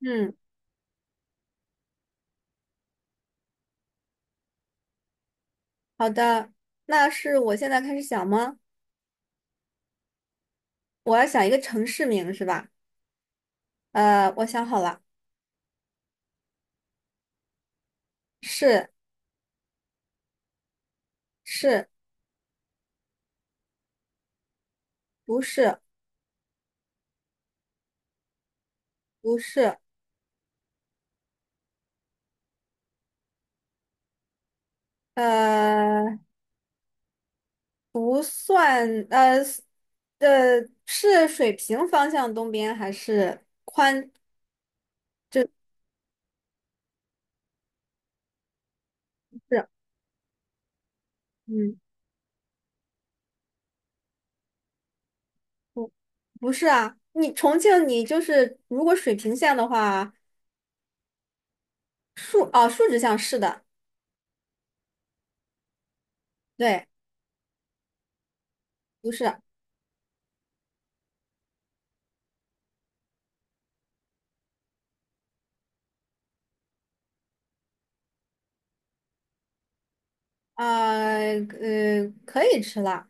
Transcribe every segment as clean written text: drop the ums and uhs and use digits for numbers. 嗯，好的。那是我现在开始想吗？我要想一个城市名是吧？我想好了。是是，不是不是。呃，不算，是水平方向东边还是？嗯，不不是啊，你重庆你就是如果水平线的话，竖直向是的。对，不是啊。可以吃了。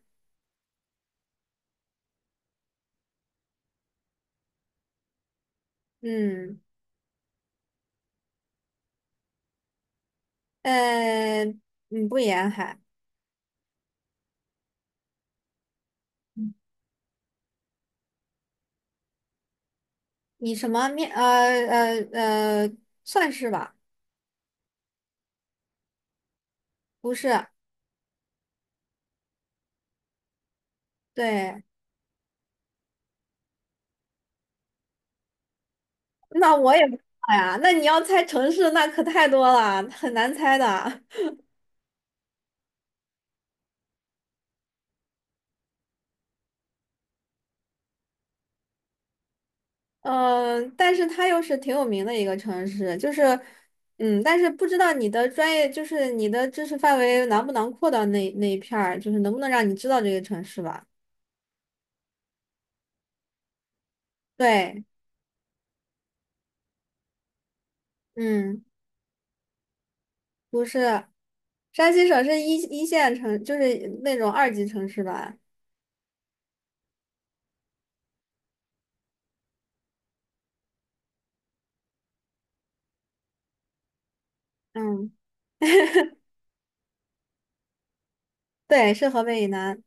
嗯。呃，嗯，不沿海。你什么面？呃呃，算是吧。不是，对。那我也不知道呀。那你要猜城市，那可太多了，很难猜的。但是它又是挺有名的一个城市，就是，但是不知道你的专业，就是你的知识范围囊不囊括到那一片儿，就是能不能让你知道这个城市吧？对。嗯。不是，山西省是一线城，就是那种二级城市吧。嗯，对，是河北以南。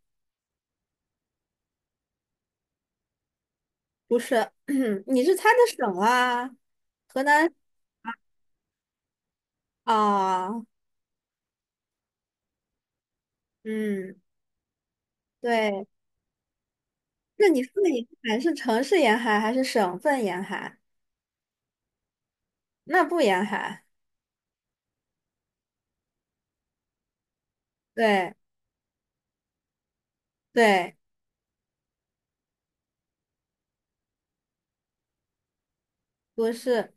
不是，你是猜的省啊？河南啊。嗯，对。那你说的沿海是城市沿海还是省份沿海？那不沿海。对对，不是。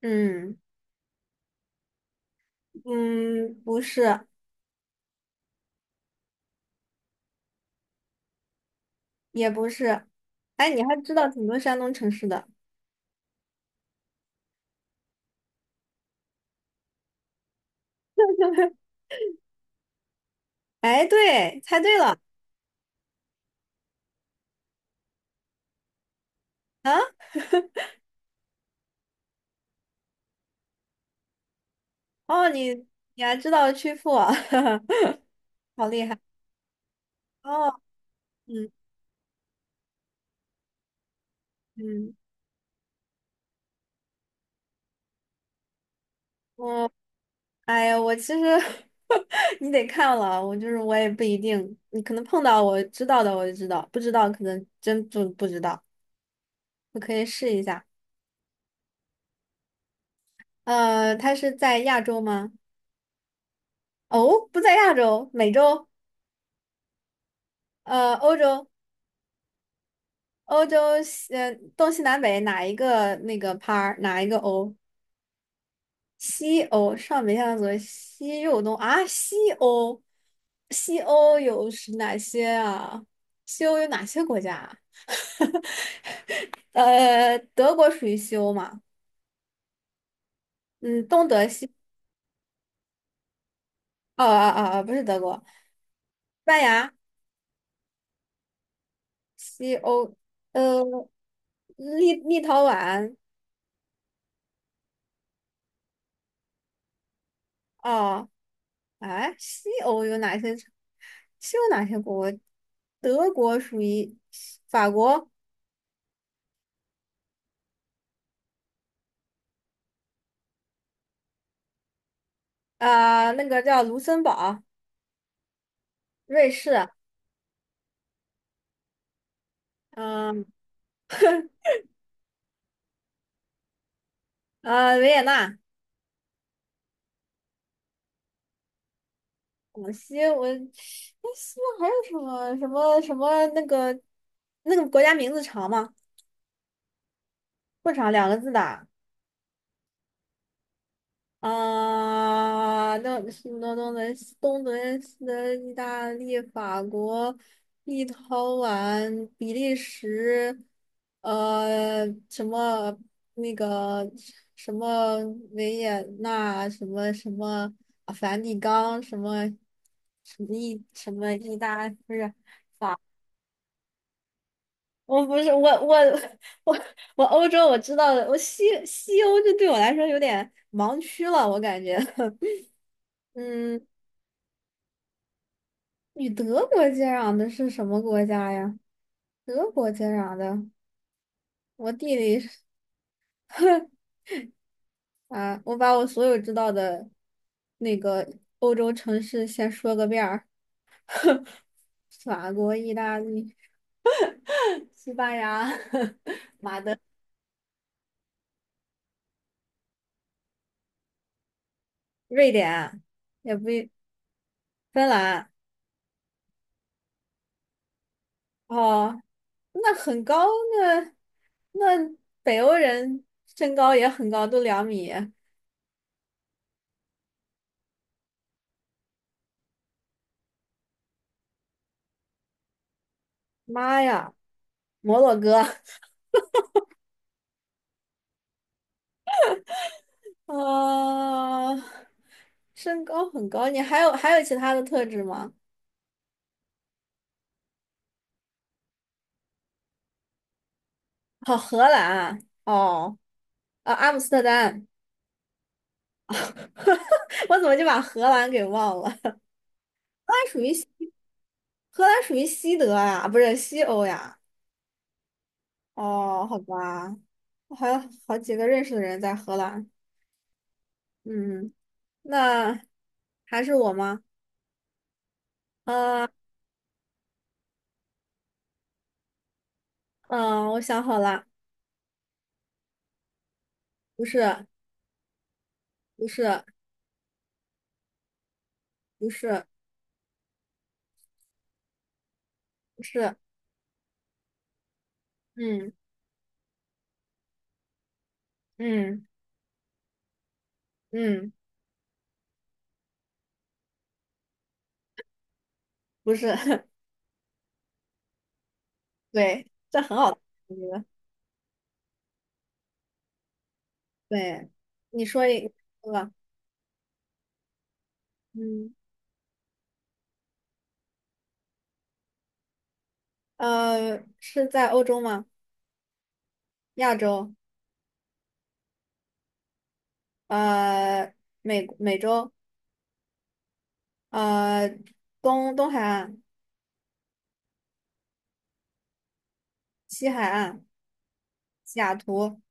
嗯嗯，不是，也不是。哎，你还知道挺多山东城市的。哎，对，猜对了啊。哦，你还知道曲阜。好厉害哦。嗯嗯。哎呀，我其实 你得看了，我就是我也不一定，你可能碰到我知道的我就知道，不知道可能真就不知道。我可以试一下。它是在亚洲吗？哦，不在亚洲。美洲？欧洲？欧洲西，东西南北哪一个那个 PA 哪一个欧？西欧上北下左西右东啊，西欧，西欧有是哪些啊？西欧有哪些国家啊？德国属于西欧嘛？嗯，东德西，哦哦哦，哦不是德国，西班牙西欧。呃，立陶宛哦。哎，西欧有哪些？西欧哪些国？德国属于法国。啊、那个叫卢森堡。瑞士。嗯、维也纳。广西，我哎，西藏还有什么什么什么那个国家名字长吗？不长，2个字的。啊，那东德西德意大利、法国、立陶宛、比利时，什么那个什么维也纳，什么什么啊梵蒂冈，什么什么意什么意大，不是。我不是，我 我我欧洲我知道的。我西欧就对我来说有点盲区了，我感觉。嗯。与德国接壤的是什么国家呀？德国接壤的，我地理是 啊，我把我所有知道的那个欧洲城市先说个遍儿：法国、意大利、西班牙、瑞典，也不一芬兰。哦，那很高。那那北欧人身高也很高，都2米。妈呀，摩洛哥。啊，身高很高，你还有其他的特质吗？好，荷兰哦。啊，阿姆斯特丹。我怎么就把荷兰给忘了？荷兰属于西德呀，不是西欧呀？哦，好吧。我还有好几个认识的人在荷兰。嗯，那还是我吗？啊，嗯，我想好了。不是，不是，不是，不是，嗯嗯嗯，不是。对，这很好。我觉得。对，你说一个吧嗯。是在欧洲吗？亚洲？呃，美洲，呃，东海岸、西海岸、西雅图？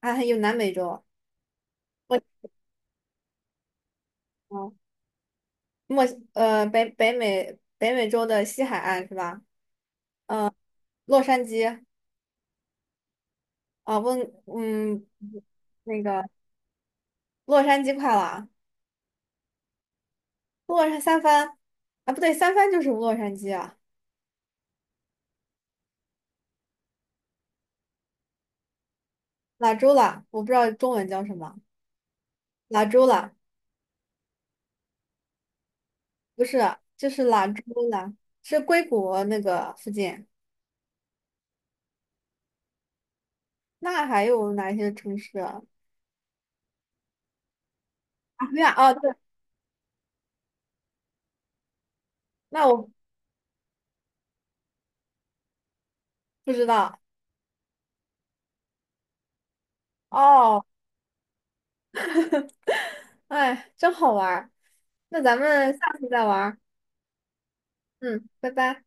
啊，还有南美洲。墨哦墨西呃北北美北美洲的西海岸是吧？洛杉矶啊，嗯，那个洛杉矶快了。三藩啊，不对，三藩就是洛杉矶啊。拉州了，我不知道中文叫什么，拉州了。不是，就是兰州啦，是硅谷那个附近。那还有哪些城市啊？啊，对啊哦，对，那我不知道哦。哎，真好玩儿。那咱们下次再玩儿。嗯，拜拜。